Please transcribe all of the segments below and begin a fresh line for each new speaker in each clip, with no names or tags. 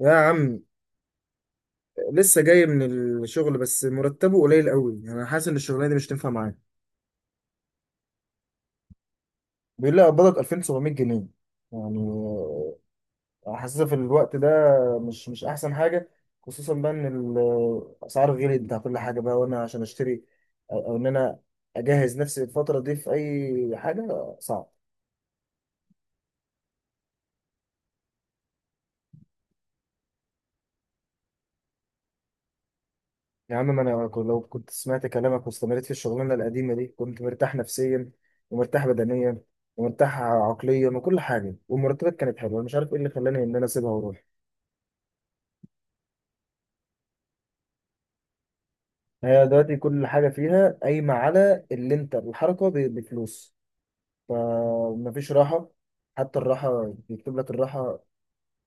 يا عم، لسه جاي من الشغل، بس مرتبه قليل قوي. يعني انا حاسس ان الشغلانه دي مش تنفع معايا. بيقول لي اقبضك 2700 جنيه. يعني حاسسها في الوقت ده مش احسن حاجه، خصوصا بقى ان الاسعار غليت بتاع كل حاجه بقى، وانا عشان اشتري او ان انا اجهز نفسي الفتره دي في اي حاجه صعب. يا عم، ما انا كنت- لو كنت سمعت كلامك واستمريت في الشغلانه القديمه دي كنت مرتاح نفسيا، ومرتاح بدنيا، ومرتاح عقليا وكل حاجه، والمرتبات كانت حلوه. أنا مش عارف ايه اللي خلاني ان انا اسيبها واروح. هي دلوقتي كل حاجه فيها قايمه على اللي انت الحركه بفلوس، فمفيش راحه. حتى الراحه بيكتب لك الراحه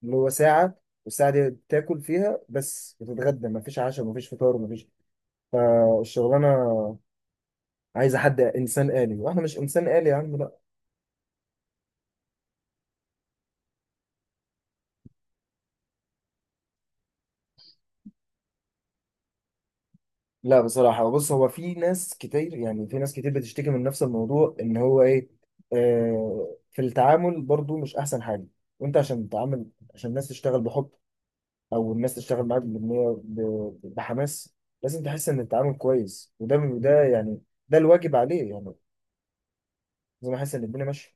اللي هو ساعه، والساعه دي تاكل فيها بس وتتغدى، مفيش عشاء مفيش فطار مفيش. فالشغلانه عايزه حد انسان آلي، واحنا مش انسان آلي يا عم. لا بصراحة، بص، هو في ناس كتير، يعني في ناس كتير بتشتكي من نفس الموضوع، ان هو ايه، آه، في التعامل برضو مش احسن حاجة. وانت عشان تتعامل، عشان الناس تشتغل بحب، او الناس تشتغل معاك بإن هي بحماس، لازم تحس ان التعامل كويس، وده يعني ده الواجب عليه يعني. لازم احس ان الدنيا ماشية.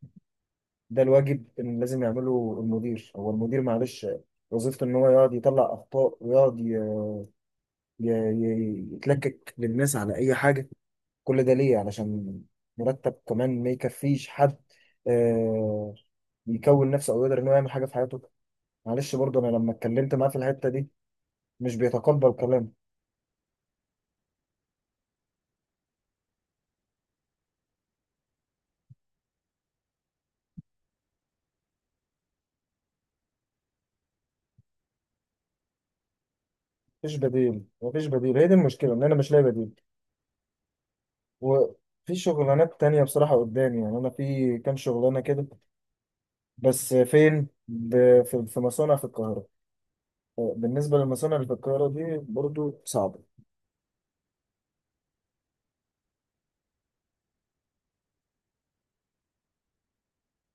ده الواجب ان لازم يعمله المدير. هو المدير معلش وظيفته ان هو يقعد يطلع اخطاء، ويقعد يتلكك للناس على اي حاجة. كل ده ليه؟ علشان مرتب كمان ما يكفيش حد آه، يكون نفسه او يقدر انه يعمل حاجه في حياته. معلش، برضه انا لما اتكلمت معاه في الحته دي مش بيتقبل كلام. مفيش بديل، مفيش بديل، هي دي المشكله، ان انا مش لاقي بديل. وفي شغلانات تانية بصراحه قدامي، يعني انا في كام شغلانه كده، بس فين؟ في مصانع في القاهره. بالنسبه للمصانع اللي في القاهره دي برضه صعبه،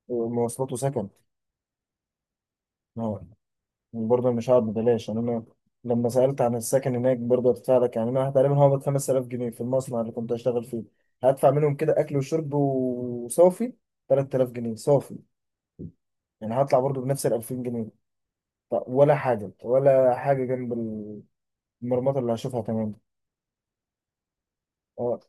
مواصلات وسكن. برضه مش هقعد ببلاش يعني، انا لما سألت عن السكن هناك، برضه هدفع لك. يعني انا تقريبا هقبض 5000 جنيه في المصنع اللي كنت هشتغل فيه، هدفع منهم كده اكل وشرب، وصافي 3000 جنيه صافي. يعني هطلع برضه بنفس ال 2000 جنيه. طب ولا حاجة، ولا حاجة جنب المرمطة اللي هشوفها، تمام. اه،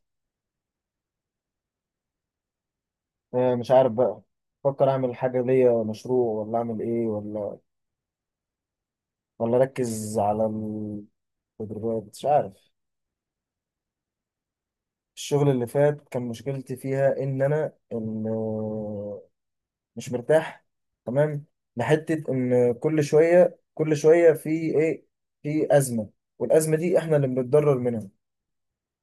آه، مش عارف بقى. بفكر اعمل حاجة ليا، مشروع، ولا اعمل ايه، ولا ولا اركز على التدريبات، مش عارف. الشغل اللي فات كان مشكلتي فيها ان انا مش مرتاح، تمام، لحته ان كل شويه في ايه، في ازمه، والازمه دي احنا اللي بنتضرر منها.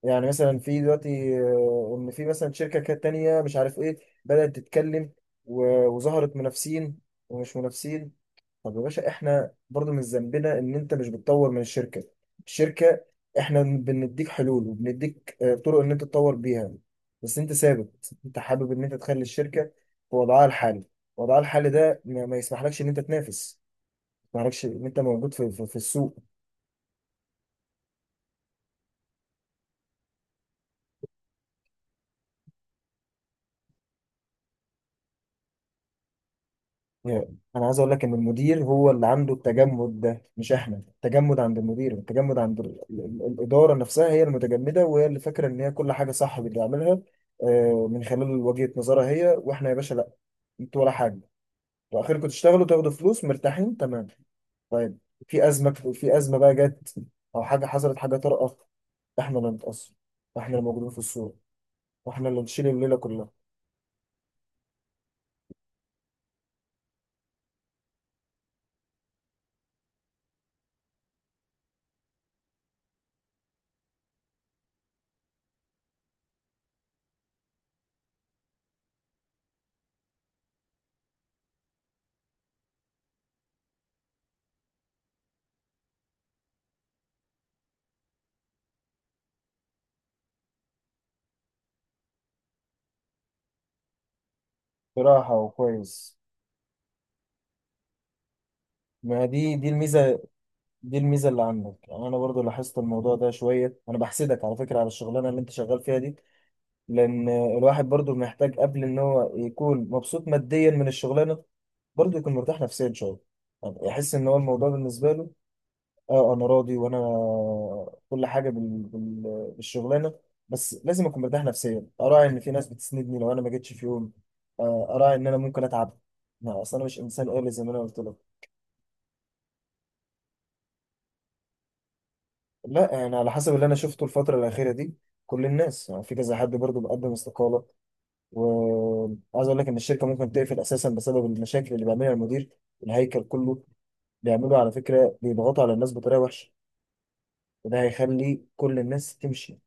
يعني مثلا، في دلوقتي، آه، ان في مثلا شركه كانت تانيه مش عارف ايه، بدات تتكلم وظهرت منافسين، ومش منافسين. طب يا باشا، احنا برضو من ذنبنا ان انت مش بتطور من الشركه. الشركه، احنا بنديك حلول وبنديك آه، طرق ان انت تطور بيها، بس انت ثابت، انت حابب ان انت تخلي الشركه في وضعها الحالي. وضعها الحالي ده ما يسمحلكش ان انت تنافس، ما يسمحلكش ان انت موجود في السوق. يعني انا عايز اقول لك ان المدير هو اللي عنده التجمد ده، مش احنا. التجمد عند المدير، التجمد عند الاداره نفسها، هي المتجمده، وهي اللي فاكره ان هي كل حاجه صح بتعملها، آه، من خلال وجهه نظرها هي. واحنا يا باشا لا، انتوا ولا حاجه، واخركم تشتغلوا تاخدوا فلوس مرتاحين، تمام. طيب، في ازمه، في ازمه بقى جت، او حاجه حصلت، حاجه طارئه، احنا اللي نتاثر، واحنا اللي موجودين في الصوره، واحنا اللي نشيل الليله كلها. براحه وكويس. ما دي الميزه، دي الميزه اللي عندك. يعني انا برضو لاحظت الموضوع ده شويه، انا بحسدك على فكره على الشغلانه اللي انت شغال فيها دي. لان الواحد برضو محتاج قبل ان هو يكون مبسوط ماديا من الشغلانه، برضو يكون مرتاح نفسيا شويه. يعني يحس ان هو الموضوع بالنسبه له، اه انا راضي، وانا كل حاجه بالشغلانه، بس لازم اكون مرتاح نفسيا، اراعي ان في ناس بتسندني لو انا ما جيتش في يوم، آه، اراعي ان انا ممكن اتعب، ما اصل انا مش انسان آلي زي ما انا قلت لك. لا انا على حسب اللي انا شفته الفتره الاخيره دي، كل الناس، يعني في كذا حد برضه بيقدم استقاله. وعايز اقول لك ان الشركه ممكن تقفل اساسا بسبب المشاكل اللي بيعملها المدير، الهيكل كله. بيعملوا على فكره، بيضغطوا على الناس بطريقه وحشه، وده هيخلي كل الناس تمشي.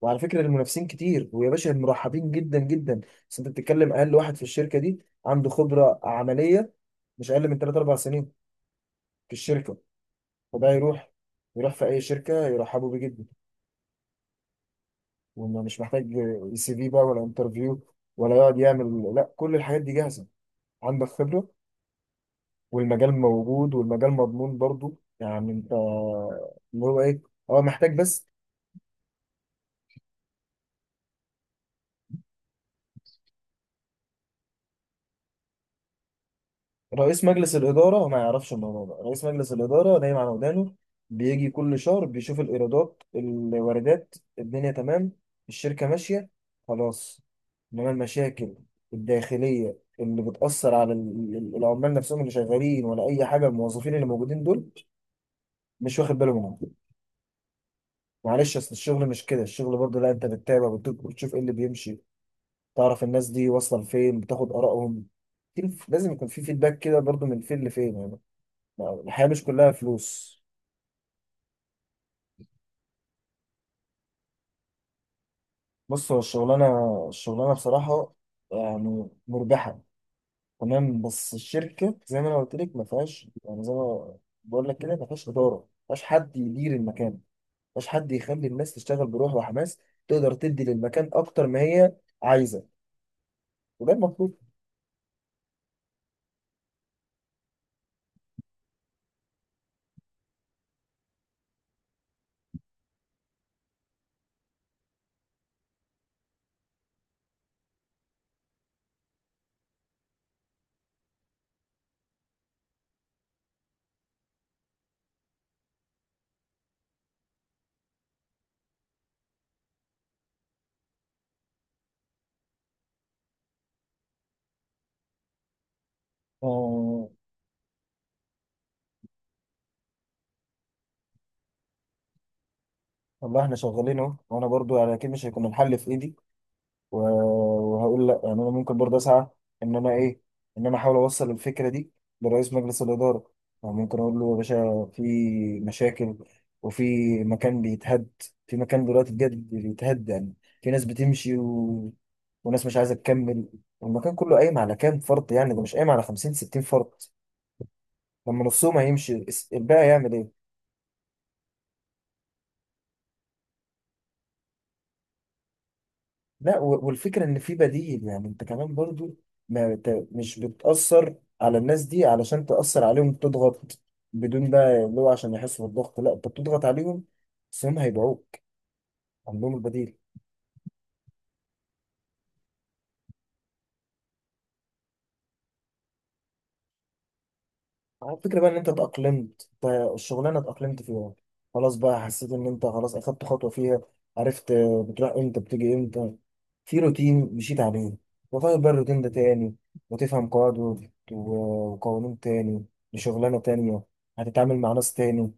وعلى فكره، المنافسين كتير، ويا باشا المرحبين جدا جدا. بس انت بتتكلم، اقل واحد في الشركه دي عنده خبره عمليه مش اقل من 3 4 سنين في الشركه. وده يروح، يروح في اي شركه يرحبوا بيه جدا، وانه مش محتاج سي في بقى ولا انترفيو، ولا يقعد يعمل، لا، كل الحاجات دي جاهزه، عندك خبره، والمجال موجود، والمجال مضمون برضو. يعني انت اللي هو ايه، هو محتاج بس. رئيس مجلس الاداره ما يعرفش الموضوع ده، رئيس مجلس الاداره نايم على ودانه، بيجي كل شهر بيشوف الايرادات الواردات، الدنيا تمام، الشركه ماشيه، خلاص. انما المشاكل الداخليه اللي بتأثر على العمال نفسهم اللي شغالين، ولا أي حاجة، الموظفين اللي موجودين دول، مش واخد باله منهم. معلش، اصل الشغل مش كده. الشغل برضه لا، انت بتتابع، بتشوف ايه اللي بيمشي، تعرف الناس دي واصله لفين، بتاخد ارائهم، لازم يكون في فيدباك كده برضه، من فين لفين يعني. الحياه مش كلها فلوس. بص، هو الشغلانه بصراحه يعني مربحه، تمام. بس الشركه زي ما انا قلت لك، ما فيهاش، يعني زي ما بقول لك كده، ما فيهاش اداره، ما فيهاش حد يدير المكان، ما فيهاش حد يخلي الناس تشتغل بروح وحماس، تقدر تدي للمكان اكتر ما هي عايزه، وده المطلوب. آه، والله احنا شغالين اهو، وانا برضو يعني اكيد مش هيكون الحل في ايدي، و- وهقول لا، يعني انا ممكن برضو اسعى ان انا ايه، ان انا احاول اوصل الفكره دي لرئيس مجلس الاداره. يعني ممكن اقول له، يا باشا، في مشاكل، وفي مكان بيتهد، في مكان دلوقتي بجد بيتهد، يعني في ناس بتمشي، وناس مش عايزه تكمل، والمكان كله قايم على كام فرد، يعني ده مش قايم على 50 60 فرد. لما نصهم هيمشي الباقي يعمل ايه؟ لا، والفكرة ان في بديل، يعني انت كمان برضو ما ت- مش بتأثر على الناس دي. علشان تأثر عليهم تضغط، بدون بقى اللي هو عشان يحسوا بالضغط، لا انت بتضغط عليهم، بس هم هيبيعوك، عندهم البديل. هو الفكرة بقى ان انت اتأقلمت، انت الشغلانة اتأقلمت فيها، خلاص بقى، حسيت ان انت خلاص اخدت خطوة فيها، عرفت بتروح امتى بتيجي امتى، في روتين مشيت عليه. وغير بقى الروتين ده تاني، وتفهم قواعد وقوانين تاني لشغلانة تانية، هتتعامل مع ناس تاني،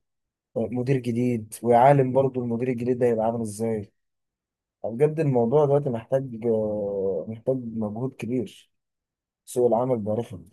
مدير جديد، وعالم برضو المدير الجديد ده هيبقى عامل ازاي. بجد الموضوع دلوقتي محتاج، محتاج مجهود كبير. سوق العمل بقى رخم.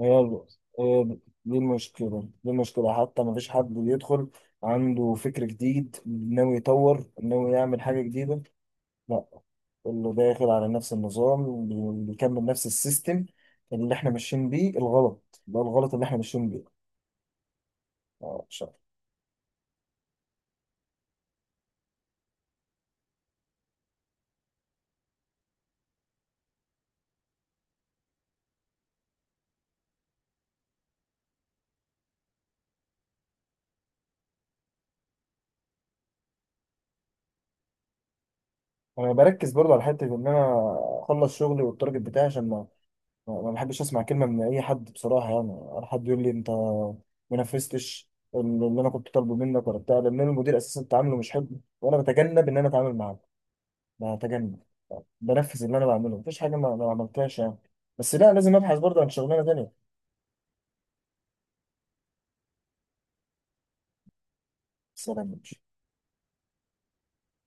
هي ال- هي ال- دي المشكلة، دي المشكلة. حتى ما فيش حد بيدخل عنده فكر جديد ناوي يطور، ناوي يعمل حاجة جديدة، لا، اللي داخل على نفس النظام بيكمل نفس السيستم اللي احنا ماشيين بيه الغلط، ده الغلط اللي احنا ماشيين بيه. آه، مش عارف. انا بركز برضه على حتة ان انا اخلص شغلي والتارجت بتاعي، عشان ما بحبش اسمع كلمه من اي حد بصراحه، يعني ولا حد يقول لي انت ما نفذتش اللي انا كنت طالبه منك ولا بتاع. لان أنا المدير اساسا تعامله مش حلو، وانا بتجنب ان انا اتعامل معاه، بتجنب، بنفذ اللي انا بعمله، مفيش حاجه ما عملتهاش يعني. بس لا، لازم ابحث برضه عن شغلانه تانيه. سلام.